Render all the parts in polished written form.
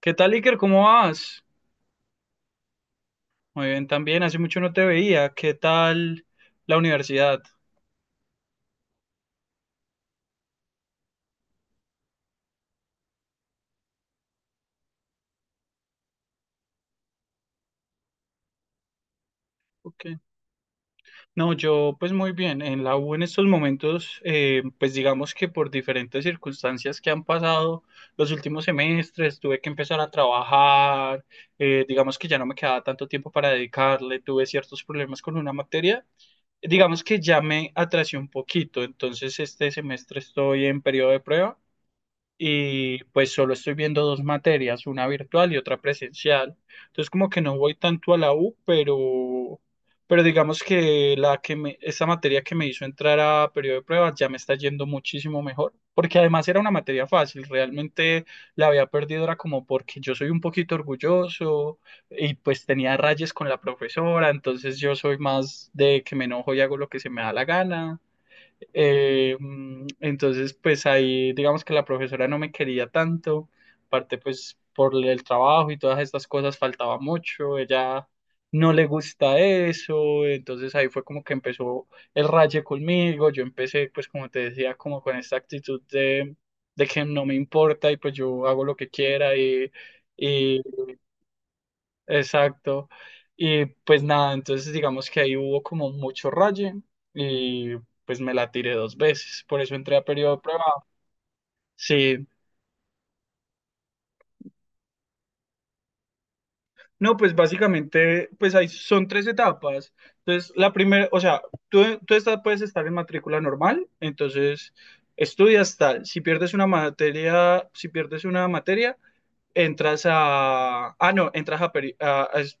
¿Qué tal, Iker? ¿Cómo vas? Muy bien, también. Hace mucho no te veía. ¿Qué tal la universidad? Ok. No, yo pues muy bien. En la U en estos momentos, pues digamos que por diferentes circunstancias que han pasado los últimos semestres, tuve que empezar a trabajar, digamos que ya no me quedaba tanto tiempo para dedicarle, tuve ciertos problemas con una materia. Digamos que ya me atrasé un poquito, entonces este semestre estoy en periodo de prueba. Y pues solo estoy viendo dos materias, una virtual y otra presencial. Entonces como que no voy tanto a la U, pero digamos que, la que me, esa materia que me hizo entrar a periodo de pruebas ya me está yendo muchísimo mejor, porque además era una materia fácil, realmente la había perdido, era como porque yo soy un poquito orgulloso y pues tenía rayes con la profesora, entonces yo soy más de que me enojo y hago lo que se me da la gana. Entonces, pues ahí digamos que la profesora no me quería tanto, aparte pues por el trabajo y todas estas cosas faltaba mucho, ella no le gusta eso, entonces ahí fue como que empezó el raye conmigo, yo empecé pues como te decía, como con esta actitud de que no me importa y pues yo hago lo que quiera y, exacto. Y pues nada, entonces digamos que ahí hubo como mucho raye y pues me la tiré dos veces, por eso entré a periodo de prueba. Sí, no, pues básicamente pues ahí son tres etapas. Entonces la primera, o sea, tú estás, puedes estar en matrícula normal, entonces estudias tal, si pierdes una materia, si pierdes una materia, entras a, ah no, entras a,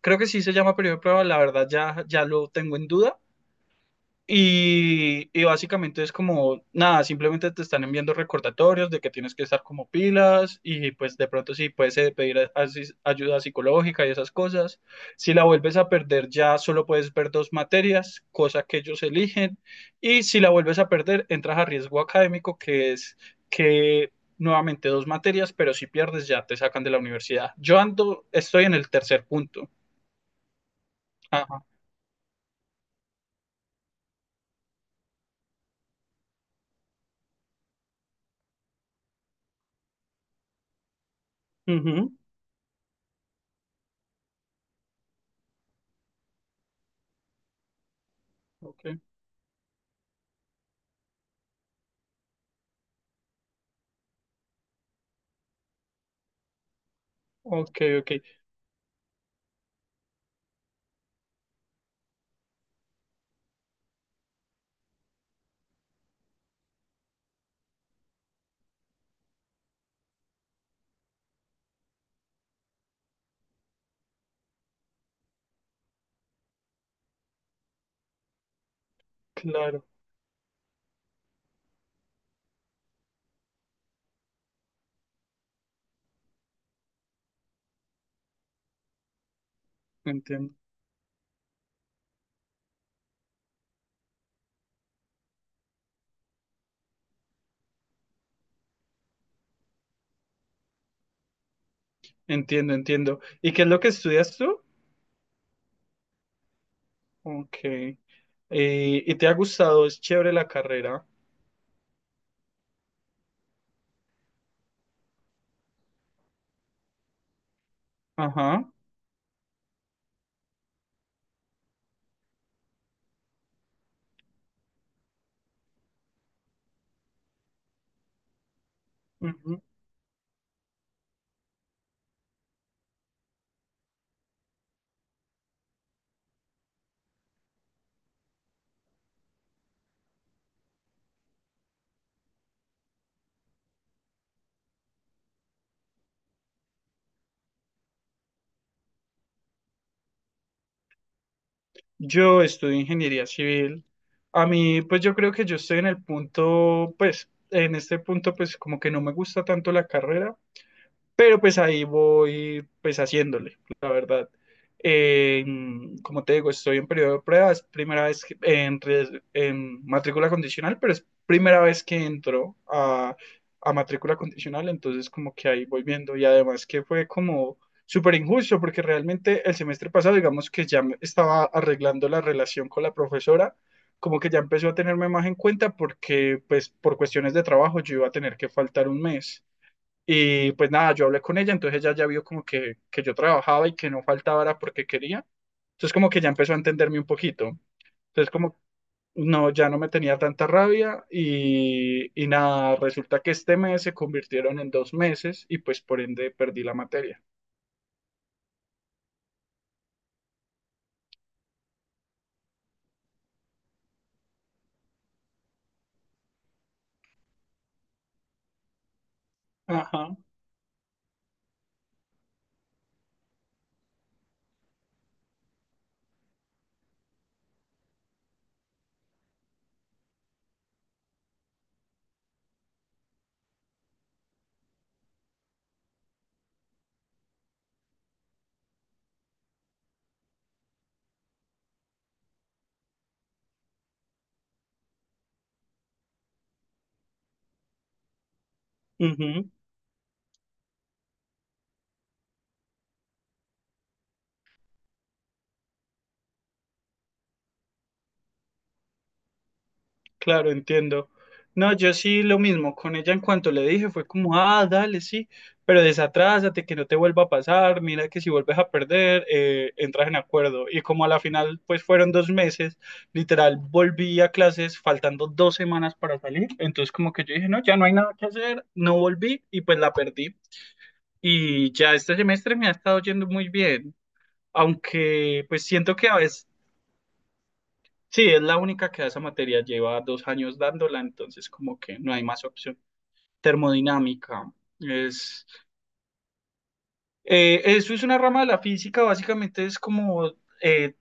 creo que sí se llama periodo de prueba, la verdad ya, ya lo tengo en duda. Y básicamente es como, nada, simplemente te están enviando recordatorios de que tienes que estar como pilas y pues de pronto sí puedes, pedir ayuda psicológica y esas cosas. Si la vuelves a perder ya solo puedes ver dos materias, cosa que ellos eligen. Y si la vuelves a perder, entras a riesgo académico, que es que nuevamente dos materias, pero si pierdes ya te sacan de la universidad. Yo ando, estoy en el tercer punto. Ajá, ujú, ok, ok, ok, claro, entiendo. Entiendo, entiendo. ¿Y qué es lo que estudias tú? Ok. ¿Y te ha gustado? Es chévere la carrera. Ajá, ujú. Yo estudio ingeniería civil. A mí, pues yo creo que yo estoy en el punto, pues, en este punto, pues como que no me gusta tanto la carrera. Pero pues ahí voy pues haciéndole, la verdad. Eh, Como te digo, estoy en periodo de prueba, es primera vez que- en matrícula condicional, pero es primera vez que entro a matrícula condicional, entonces como que ahí voy viendo y además que fue como súper injusto porque realmente el semestre pasado, digamos que ya me estaba arreglando la relación con la profesora, como que ya empezó a tenerme más en cuenta porque pues por cuestiones de trabajo yo iba a tener que faltar un mes. Y pues nada, yo hablé con ella, entonces ella ya vio como que yo trabajaba y que no faltaba era porque quería. Entonces como que ya empezó a entenderme un poquito. Entonces como no, ya no me tenía tanta rabia y nada, resulta que este mes se convirtieron en 2 meses y pues por ende perdí la materia. Ajá, ujú. Claro, entiendo. No, yo sí lo mismo con ella en cuanto le dije, fue como, ah, dale, sí, pero desatrásate, que no te vuelva a pasar, mira que si vuelves a perder, entras en acuerdo. Y como a la final, pues fueron 2 meses, literal, volví a clases faltando 2 semanas para salir, entonces como que yo dije, no, ya no hay nada que hacer, no volví y pues la perdí. Y ya este semestre me ha estado yendo muy bien, aunque pues siento que a veces sí, es la única que da esa materia, lleva 2 años dándola, entonces como que no hay más opción. Termodinámica. Es, eso es una rama de la física, básicamente es como eh,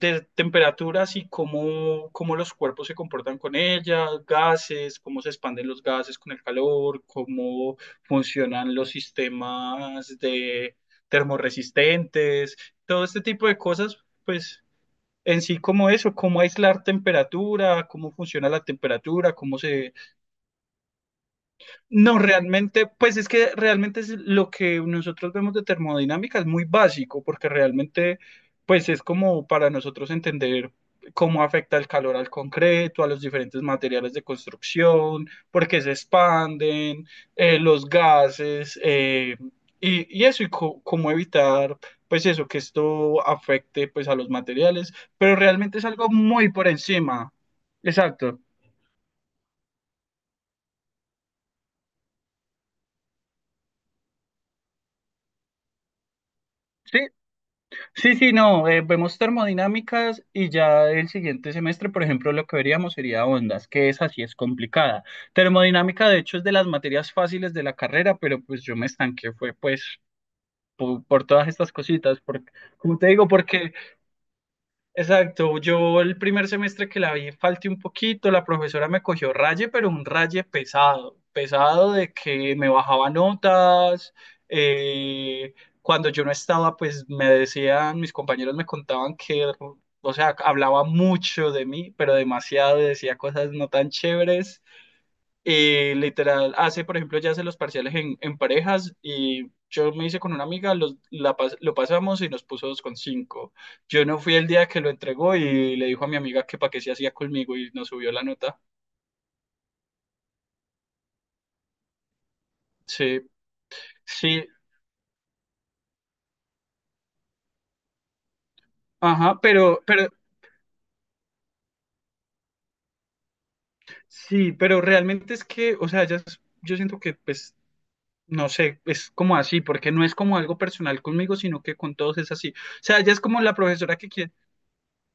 de temperaturas y cómo los cuerpos se comportan con ellas, gases, cómo se expanden los gases con el calor, cómo funcionan los sistemas de termorresistentes, todo este tipo de cosas, pues en sí como eso, cómo aislar temperatura, cómo funciona la temperatura, cómo se no, realmente, pues es que realmente es lo que nosotros vemos de termodinámica es muy básico, porque realmente, pues es como para nosotros entender cómo afecta el calor al concreto, a los diferentes materiales de construcción, por qué se expanden, los gases, y eso, y cómo evitar, pues eso, que esto afecte, pues a los materiales, pero realmente es algo muy por encima. Exacto. Sí, sí, sí, no, vemos termodinámicas y ya el siguiente semestre, por ejemplo, lo que veríamos sería ondas, que esa sí es complicada. Termodinámica, de hecho, es de las materias fáciles de la carrera, pero pues yo me estanqué, fue pues por, todas estas cositas, por, como te digo, porque exacto, yo el primer semestre que la vi falté un poquito, la profesora me cogió raye, pero un raye pesado, pesado de que me bajaba notas, eh, cuando yo no estaba, pues me decían, mis compañeros me contaban que, o sea, hablaba mucho de mí, pero demasiado, decía cosas no tan chéveres, y literal, hace, por ejemplo, ya hace los parciales en parejas y yo me hice con una amiga, los, lo pasamos y nos puso 2,5. Yo no fui el día que lo entregó y le dijo a mi amiga que para qué se hacía conmigo y nos subió la nota. Sí, sí, ajá, pero, sí, pero realmente es que, o sea, ya es- yo siento que, pues, no sé, es como así, porque no es como algo personal conmigo, sino que con todos es así. O sea, ya es como la profesora que quiere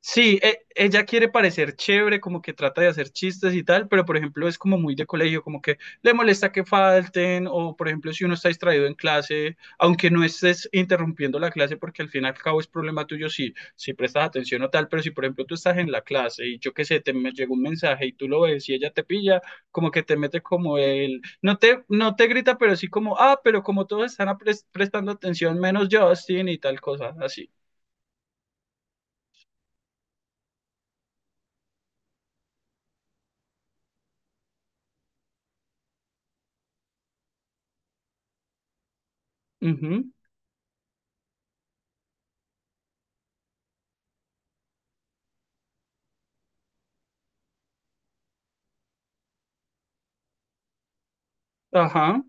sí, ella quiere parecer chévere, como que trata de hacer chistes y tal, pero por ejemplo es como muy de colegio, como que le molesta que falten, o por ejemplo si uno está distraído en clase, aunque no estés interrumpiendo la clase, porque al fin y al cabo es problema tuyo si prestas atención o tal, pero si por ejemplo tú estás en la clase y yo qué sé, te me llegó un mensaje y tú lo ves y ella te pilla, como que te mete como el, no te grita, pero sí como, ah, pero como todos están prestando atención, menos Justin y tal cosa, así. Ujú, ajá.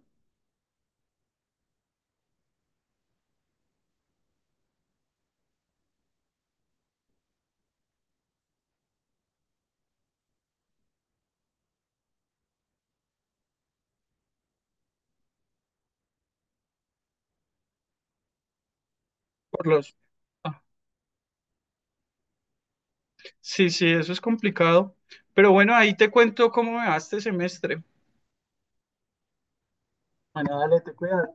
Por los... ah, sí, sí, eso es complicado. Pero bueno, ahí te cuento cómo me va este semestre. Bueno, dale, te cuidas.